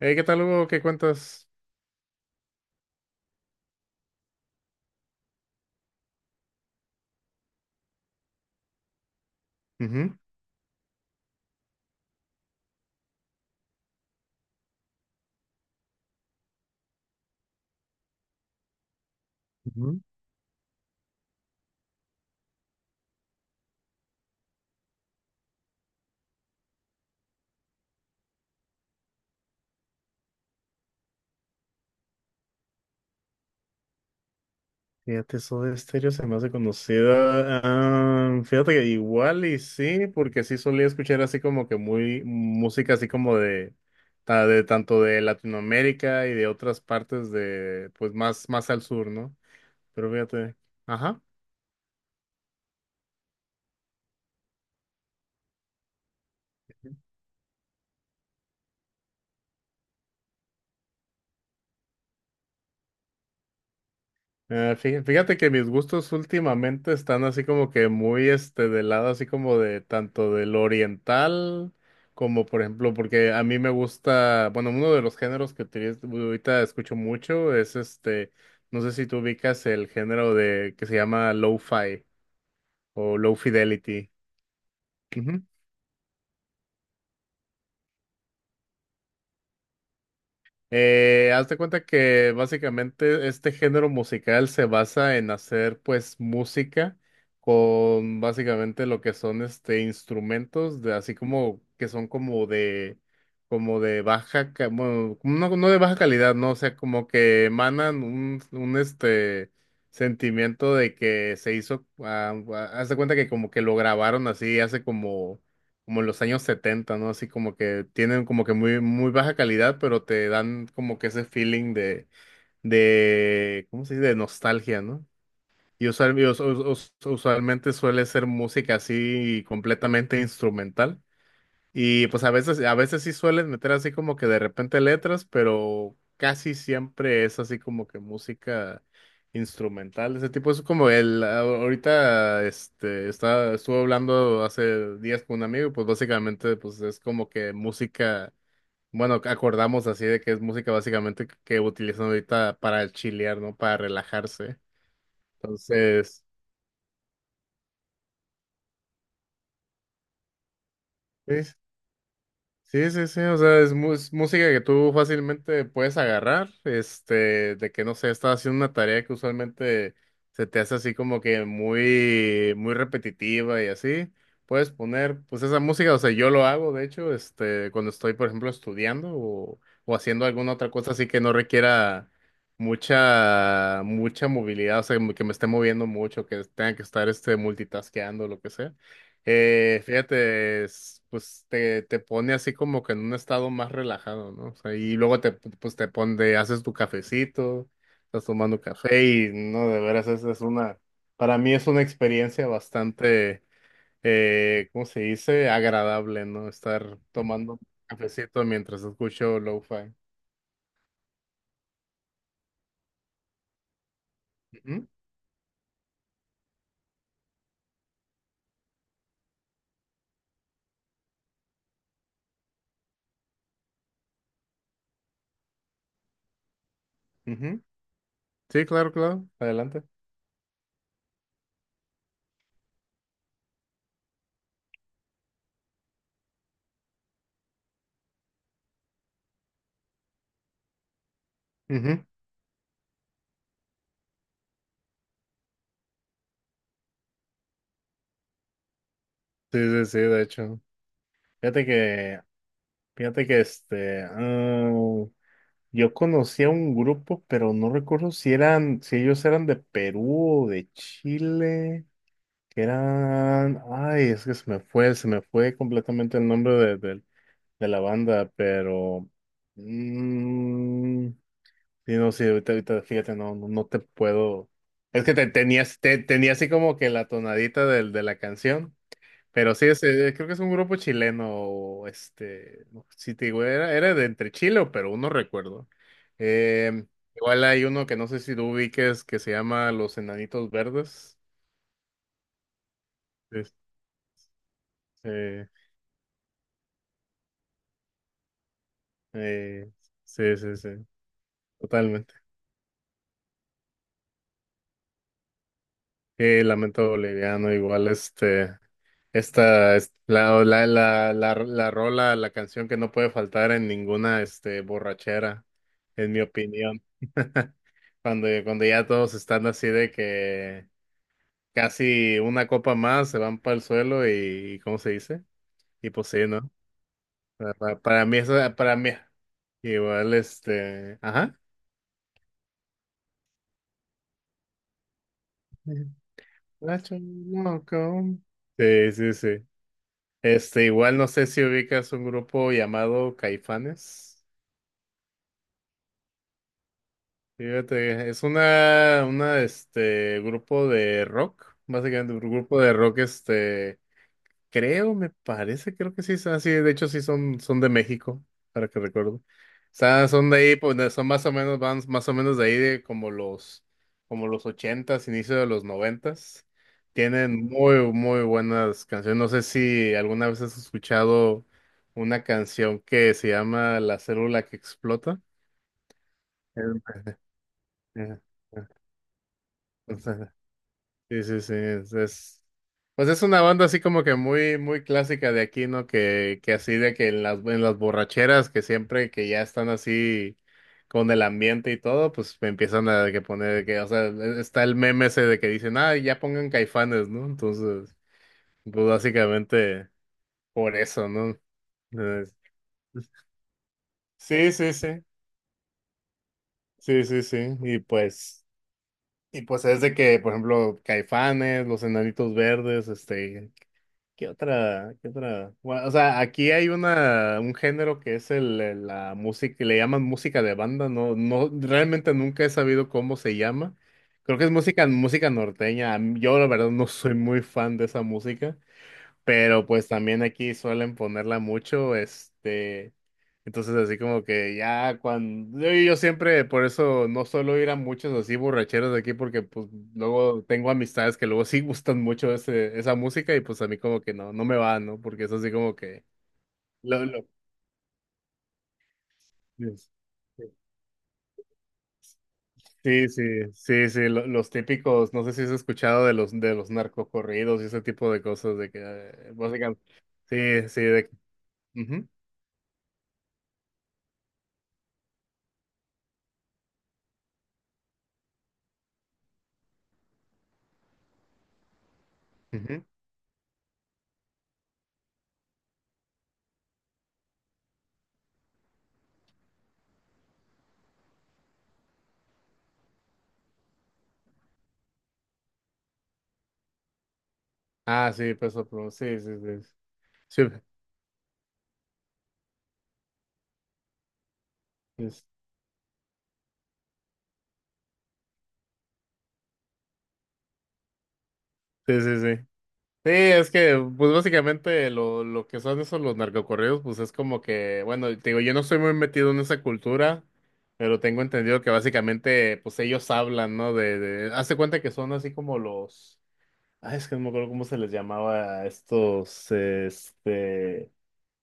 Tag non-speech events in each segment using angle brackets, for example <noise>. Hey, ¿qué tal, Hugo? ¿Qué cuentas? Ujú, ujú. Fíjate, Soda Stereo se me hace conocida. Ah, fíjate que igual y sí, porque sí solía escuchar así como que muy música así como de, de tanto de Latinoamérica y de otras partes de, pues más al sur, ¿no? Pero fíjate, ajá. Ah, fíjate que mis gustos últimamente están así como que muy del lado así como de tanto del oriental como por ejemplo porque a mí me gusta, bueno, uno de los géneros que ahorita escucho mucho es no sé si tú ubicas el género de que se llama lo-fi o low fidelity. Haz de cuenta que básicamente este género musical se basa en hacer pues música con básicamente lo que son instrumentos de así como que son como de baja bueno, no, no de baja calidad, no, o sea, como que emanan un sentimiento de que se hizo haz de cuenta que como que lo grabaron así hace como en los años 70, ¿no? Así como que tienen como que muy, muy baja calidad, pero te dan como que ese feeling de, ¿cómo se dice? De nostalgia, ¿no? Y usualmente suele ser música así completamente instrumental. Y pues a veces sí suelen meter así como que de repente letras, pero casi siempre es así como que música instrumental. Ese tipo es como el, ahorita estuve hablando hace días con un amigo, y pues básicamente pues es como que música, bueno, acordamos así de que es música básicamente que utilizan ahorita para chilear, ¿no? Para relajarse. Entonces. sí, sí, sí, sí, o sea, es música que tú fácilmente puedes agarrar, este, de que no sé, estás haciendo una tarea que usualmente se te hace así como que muy, muy repetitiva y así, puedes poner, pues esa música, o sea, yo lo hago, de hecho, este, cuando estoy, por ejemplo, estudiando o haciendo alguna otra cosa así que no requiera mucha, mucha movilidad, o sea, que me esté moviendo mucho, que tenga que estar, este, multitaskeando, lo que sea. Fíjate, pues te pone así como que en un estado más relajado, ¿no? O sea, y luego te, pues te pone, haces tu cafecito, estás tomando café y no, de veras, para mí es una experiencia bastante, ¿cómo se dice? Agradable, ¿no? Estar tomando cafecito mientras escucho lo-fi. Ujú, ujú. Sí, claro, claro, adelante. Ujú. Sí, sí, sí, de hecho. Fíjate que, fíjate que yo conocía un grupo, pero no recuerdo si eran, si ellos eran de Perú o de Chile, que eran, ay, es que se me fue completamente el nombre de, de la banda, pero, mm, sí, no, sí, ahorita, fíjate, no, no, no te puedo, es que tenía así como que la tonadita de la canción, pero sí, es, creo que es un grupo chileno, este, no, sí te digo, era de entre Chile o Perú, no recuerdo. Eh, igual hay uno que no sé si tú ubiques que se llama Los Enanitos Verdes. Este, eh, eh, sí, sí, sí, totalmente. Lamento Boliviano, igual es la rola, la canción que no puede faltar en ninguna, este, borrachera, en mi opinión. <laughs> Cuando ya todos están así de que casi una copa más se van para el suelo y, ¿cómo se dice? Y pues sí, ¿no? Para, para mí eso, para mí, igual ajá. Nacho, loco. Sí, sí, sí. Igual no sé si ubicas un grupo llamado Caifanes. Fíjate, es una, grupo de rock, básicamente un grupo de rock, creo, me parece, creo que sí, son así, de hecho sí son de México, para que recuerdo. O sea, son de ahí, pues son más o menos, van más o menos de ahí de como los ochentas, inicio de los noventas. Tienen muy, muy buenas canciones. No sé si alguna vez has escuchado una canción que se llama La célula que explota. Eh, eh, eh. Sí, sí, sí, pues es una banda así como que muy, muy clásica de aquí, ¿no? Que así de que en las borracheras, que siempre que ya están así con el ambiente y todo, pues me empiezan a que poner, que, o sea, está el meme ese de que dicen, ah, ya pongan Caifanes, ¿no? Entonces, pues básicamente por eso, ¿no? Entonces, sí, sí, sí, sí, sí, sí, y pues, y pues es de que, por ejemplo, Caifanes, Los Enanitos Verdes, este, ¿qué otra? ¿Qué otra? Bueno, o sea, aquí hay una, un género que es la música, que le llaman música de banda, no, no, realmente nunca he sabido cómo se llama. Creo que es música, música norteña. Yo la verdad no soy muy fan de esa música, pero pues también aquí suelen ponerla mucho, este, entonces así como que ya cuando, yo siempre por eso no suelo ir a muchos así borracheros de aquí porque pues luego tengo amistades que luego sí gustan mucho esa música y pues a mí como que no, no me va, ¿no? Porque es así como que lo, lo, es- sí, sí, sí, sí, los típicos, no sé si has escuchado de los narcocorridos y ese tipo de cosas de que básicamente sí, sí, de ujú, ujú. Ah, sí, Peso Pluma. Sí, sí, sí. Sí, sí, pues, sí, sí. Sí, sí, es que, pues básicamente lo que son esos los narcocorridos, pues es como que, bueno, te digo, yo no estoy muy metido en esa cultura, pero tengo entendido que básicamente, pues ellos hablan, ¿no? De, hazte cuenta que son así como los, ay, es que no me acuerdo cómo se les llamaba a estos, este,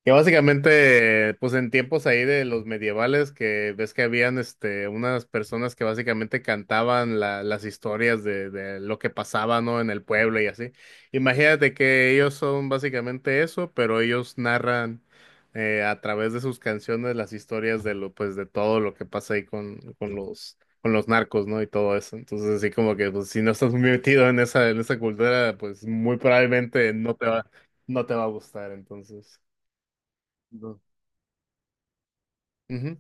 que básicamente, pues en tiempos ahí de los medievales, que ves que habían este, unas personas que básicamente cantaban las historias de lo que pasaba, ¿no? En el pueblo y así. Imagínate que ellos son básicamente eso, pero ellos narran a través de sus canciones las historias de lo, pues, de todo lo que pasa ahí con los narcos, ¿no? Y todo eso. Entonces, así como que, pues, si no estás muy metido en esa cultura, pues muy probablemente no te va, no te va a gustar, entonces. Ujú.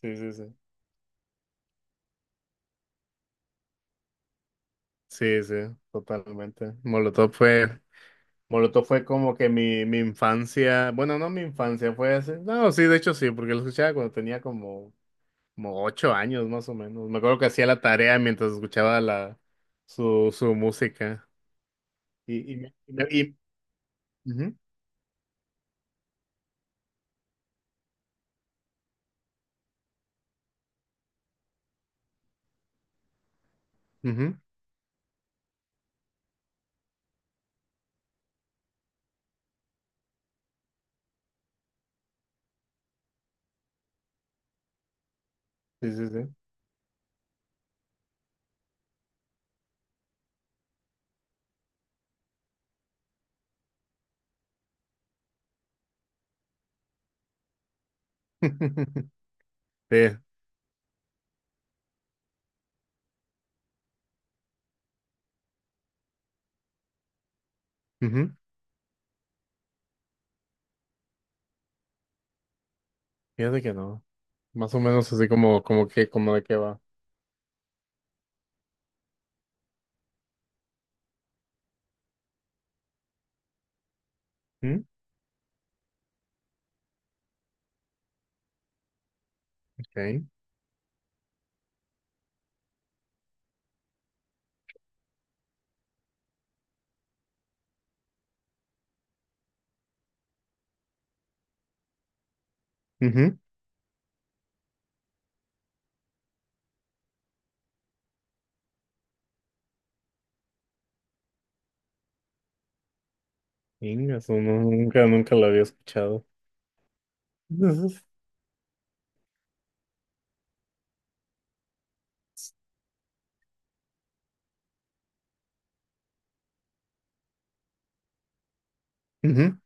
Sí, sí, sí. Sí, sí, totalmente. Molotov fue como que mi infancia, bueno, no mi infancia, fue así. No, sí, de hecho sí, porque lo escuchaba cuando tenía como 8 años más o menos. Me acuerdo que hacía la tarea mientras escuchaba su música. Y, y, me- y, me- y- ujú, ujú. Sí, sí, sí. <laughs> Sí, ujú. Fíjate que no. Más o menos así como, como que, como de qué va. ¿Mm? Okay. Ujú. Venga, eso nunca, nunca lo había escuchado. Ujú, ujú.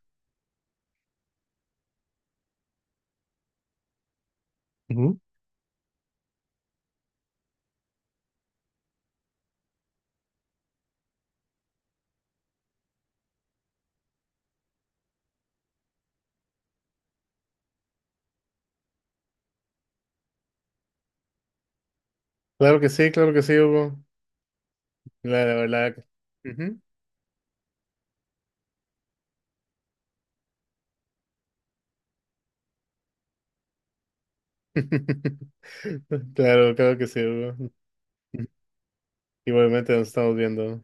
Ujú. Claro que sí, Hugo. La, ujú. <laughs> Claro, claro que sí, Hugo. Igualmente nos estamos viendo.